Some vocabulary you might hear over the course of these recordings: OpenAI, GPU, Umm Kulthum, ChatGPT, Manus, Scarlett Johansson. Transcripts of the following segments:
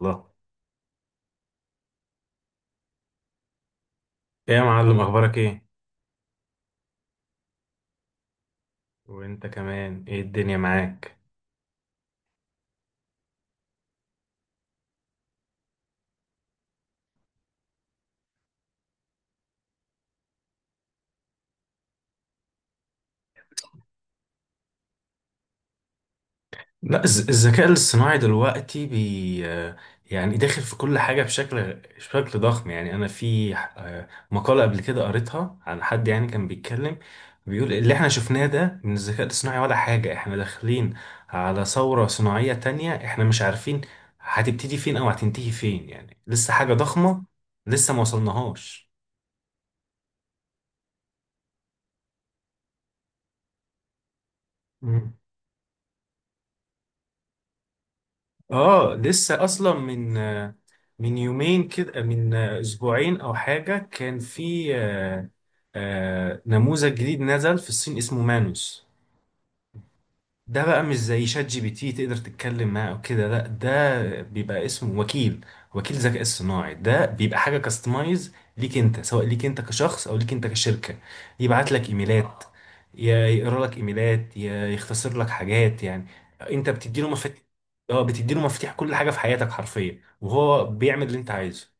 الله. ايه يا معلم، اخبارك ايه؟ وانت كمان، ايه الدنيا معاك؟ لا، الذكاء الاصطناعي دلوقتي بي آه، يعني داخل في كل حاجة بشكل ضخم، يعني انا في مقالة قبل كده قريتها عن حد يعني كان بيتكلم، بيقول اللي احنا شفناه ده من الذكاء الاصطناعي ولا حاجة. احنا داخلين على ثورة صناعية تانية احنا مش عارفين هتبتدي فين او هتنتهي فين، يعني لسه حاجة ضخمة، لسه ما وصلناهاش. اه لسه اصلا من يومين كده، من اسبوعين او حاجه، كان في نموذج جديد نزل في الصين اسمه مانوس. ده بقى مش زي شات جي بي تي تقدر تتكلم معاه او كده، لا ده بيبقى اسمه وكيل، وكيل ذكاء اصطناعي. ده بيبقى حاجه كاستمايز ليك انت، سواء ليك انت كشخص او ليك انت كشركه. يبعت لك ايميلات، يا يقرا لك ايميلات، يا يختصر لك حاجات، يعني انت بتدي له مفاتيح. اه بتدي له مفاتيح كل حاجه في حياتك حرفيا، وهو بيعمل اللي انت عايزه.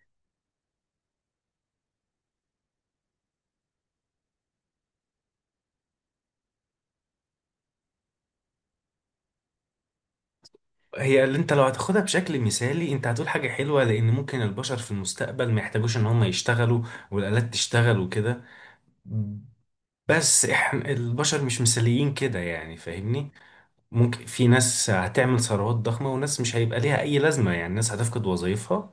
هي اللي انت لو هتاخدها بشكل مثالي انت هتقول حاجه حلوه، لان ممكن البشر في المستقبل ما يحتاجوش ان هم يشتغلوا والالات تشتغل وكده. بس احنا البشر مش مثاليين كده، يعني فاهمني، ممكن في ناس هتعمل ثروات ضخمة وناس مش هيبقى ليها اي لازمة، يعني ناس هتفقد وظائفها.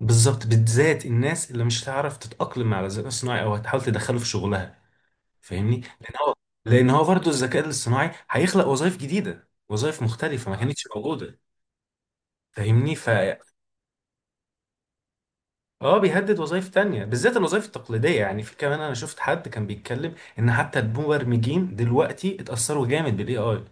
بالظبط، بالذات الناس اللي مش هتعرف تتأقلم على الذكاء الصناعي او هتحاول تدخله في شغلها، فاهمني، لان هو برضه الذكاء الاصطناعي هيخلق وظائف جديدة، وظائف مختلفة ما آه. كانتش موجودة. فاهمني. اه بيهدد وظائف تانية بالذات الوظائف التقليدية. يعني في كمان انا شفت حد كان بيتكلم ان حتى المبرمجين دلوقتي اتأثروا جامد بالاي اي.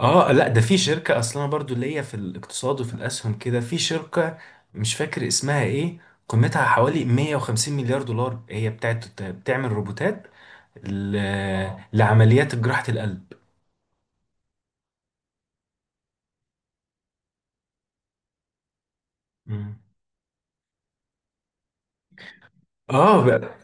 اه لا ده في شركة اصلا، انا برضو اللي هي في الاقتصاد وفي الاسهم كده، في شركة مش فاكر اسمها ايه، قيمتها حوالي 150 مليار دولار، هي بتاعت بتعمل روبوتات ل... لعمليات جراحة القلب. مم. اه بقى.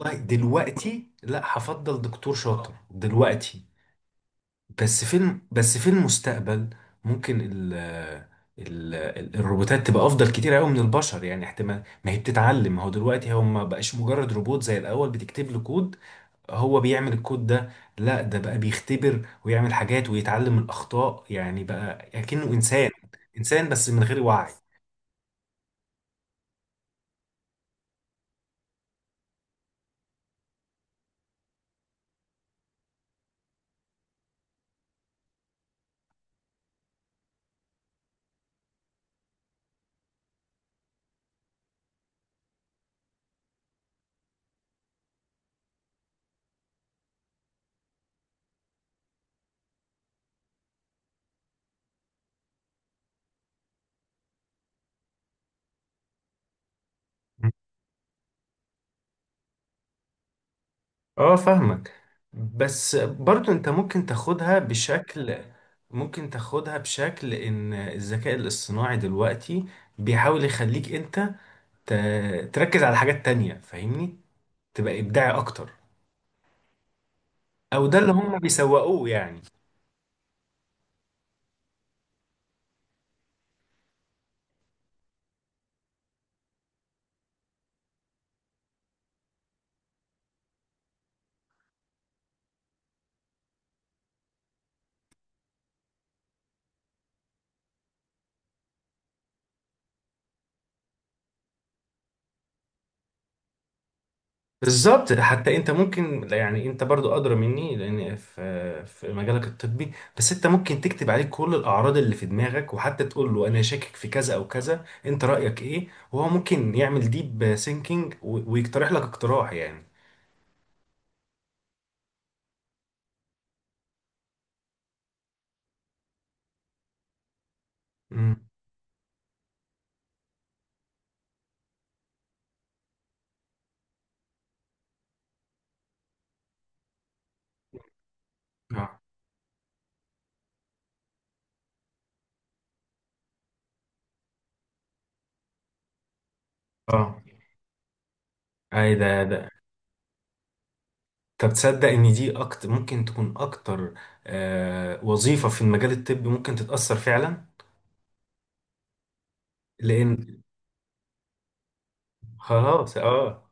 والله دلوقتي لا، هفضل دكتور شاطر دلوقتي. بس في المستقبل ممكن الروبوتات تبقى افضل كتير قوي من البشر، يعني احتمال ما هي بتتعلم، ما هو دلوقتي هم ما بقاش مجرد روبوت زي الاول بتكتب له كود هو بيعمل الكود ده، لا ده بقى بيختبر ويعمل حاجات ويتعلم من الأخطاء، يعني بقى كأنه إنسان، إنسان بس من غير وعي. اه فاهمك. بس برضو انت ممكن تاخدها بشكل ان الذكاء الاصطناعي دلوقتي بيحاول يخليك انت تركز على حاجات تانية. فاهمني، تبقى ابداعي اكتر، او ده اللي هم بيسوقوه يعني. بالظبط، حتى انت ممكن، يعني انت برضو ادرى مني لان في مجالك الطبي. بس انت ممكن تكتب عليه كل الاعراض اللي في دماغك، وحتى تقول له انا شاكك في كذا او كذا، انت رايك ايه، وهو ممكن يعمل ديب سينكينج ويقترح لك اقتراح يعني. امم اه اه اي. ده طب تصدق ان دي اكتر ممكن تكون اكتر وظيفه في المجال الطبي ممكن تتاثر فعلا. لان خلاص، اه،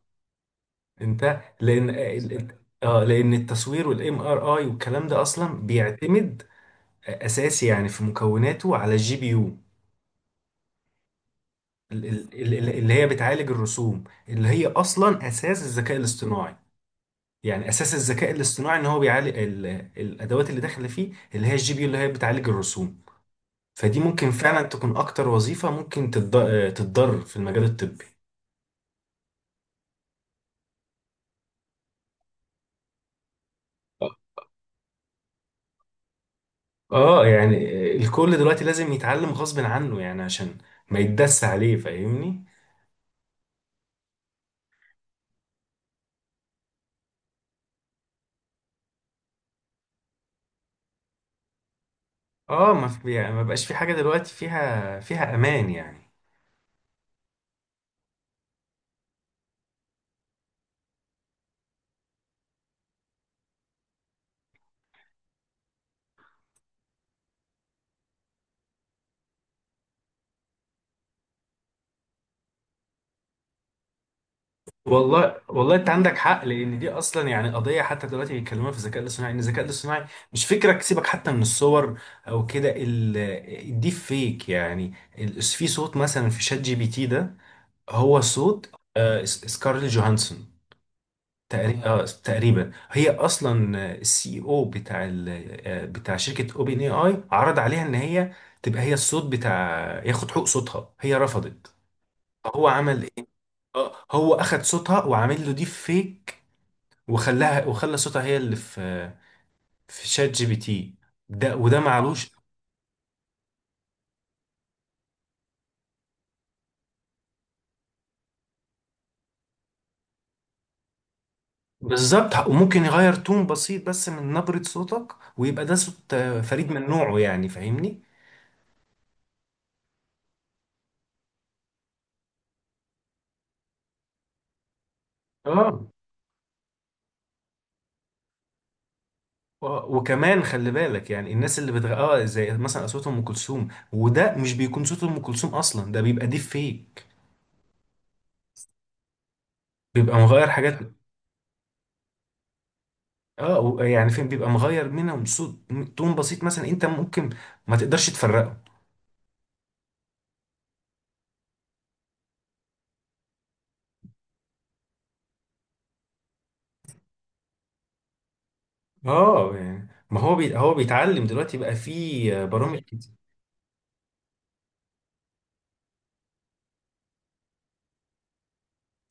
انت لان بالظبط. اه لان التصوير والام ار اي والكلام ده اصلا بيعتمد اساسي يعني في مكوناته على الجي بي يو، اللي هي بتعالج الرسوم اللي هي اصلا اساس الذكاء الاصطناعي. يعني اساس الذكاء الاصطناعي ان هو بيعالج الادوات اللي داخله فيه اللي هي الجي بي يو اللي هي بتعالج الرسوم. فدي ممكن فعلا تكون اكتر وظيفة ممكن تتضر في المجال الطبي. اه يعني الكل دلوقتي لازم يتعلم غصب عنه، يعني عشان ما يتدس عليه فاهمني. اه، ما في، يعني ما بقاش في حاجه دلوقتي فيها امان يعني. والله انت عندك حق، لان دي اصلا يعني قضيه حتى دلوقتي بيتكلموها في الذكاء الاصطناعي، ان الذكاء الاصطناعي مش فكرك سيبك حتى من الصور او كده، الديب فيك يعني. في صوت مثلا في شات جي بي تي، ده هو صوت سكارلي جوهانسون تقريبا. تقريبا هي اصلا السي او بتاع بتاع شركه اوبن اي اي عرض عليها ان هي تبقى هي الصوت بتاع، ياخد حقوق صوتها، هي رفضت. هو عمل ايه؟ هو اخد صوتها وعامل له ديب فيك، وخلاها وخلى صوتها هي اللي في شات جي بي تي ده، وده معلوش. بالظبط، وممكن يغير تون بسيط بس من نبرة صوتك، ويبقى ده صوت فريد من نوعه يعني فاهمني. اه وكمان خلي بالك، يعني الناس اللي بتغ... اه زي مثلا اصوات ام كلثوم، وده مش بيكون صوت ام كلثوم اصلا، ده بيبقى ديب فيك، بيبقى مغير حاجات. اه يعني فين بيبقى مغير منهم صوت، تون بسيط مثلا انت ممكن ما تقدرش تفرقه. اه يعني ما هو هو بيتعلم دلوقتي بقى، فيه برامج كتير.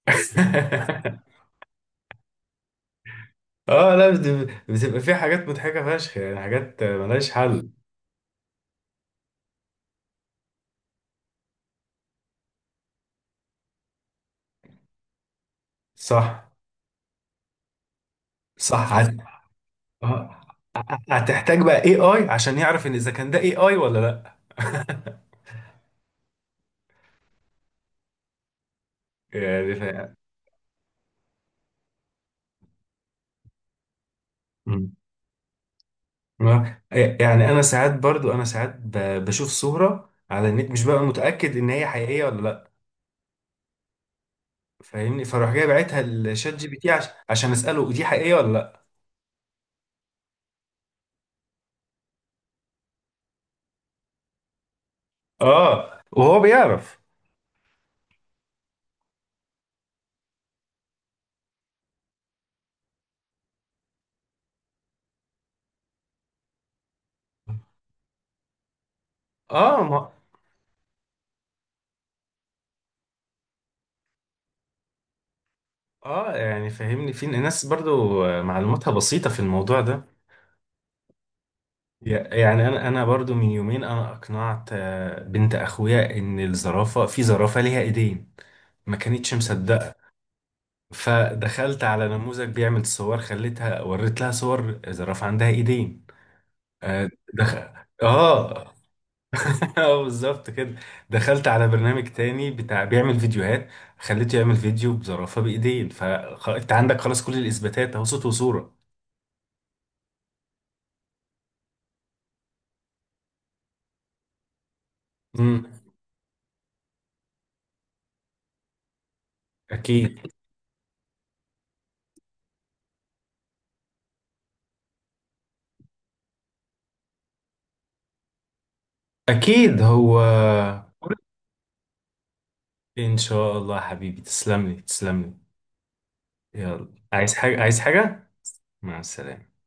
اه لا بتبقى فيه حاجات مضحكة فشخ، يعني حاجات ملهاش حل. صح. صح هت... آه. هتحتاج بقى اي اي عشان يعرف ان اذا كان ده اي اي ولا لا. يعني ف... مم. يعني انا ساعات، برضو انا ساعات بشوف صورة على النت مش بقى متأكد ان هي حقيقية ولا لا. فاهمني، فاروح جاي باعتها لشات جي بي تي عشان اسأله دي حقيقية ولا لا. اه وهو بيعرف. اه، ما اه يعني فاهمني في ناس برضو معلوماتها بسيطة في الموضوع ده. يعني انا برضو من يومين انا اقنعت بنت اخويا ان الزرافة، في زرافة ليها ايدين، ما كانتش مصدقة. فدخلت على نموذج بيعمل صور، خليتها وريت لها صور زرافة عندها ايدين. آه، دخ... اه. اه بالظبط كده. دخلت على برنامج تاني بتاع بيعمل فيديوهات، خليته يعمل فيديو بزرافة بايدين، فانت عندك خلاص كل الاثباتات اهو، صوت وصورة. امم اكيد. اكيد هو. ان شاء الله يا حبيبي، تسلم لي تسلم لي. يلا، عايز حاجة عايز حاجة؟ مع السلامة.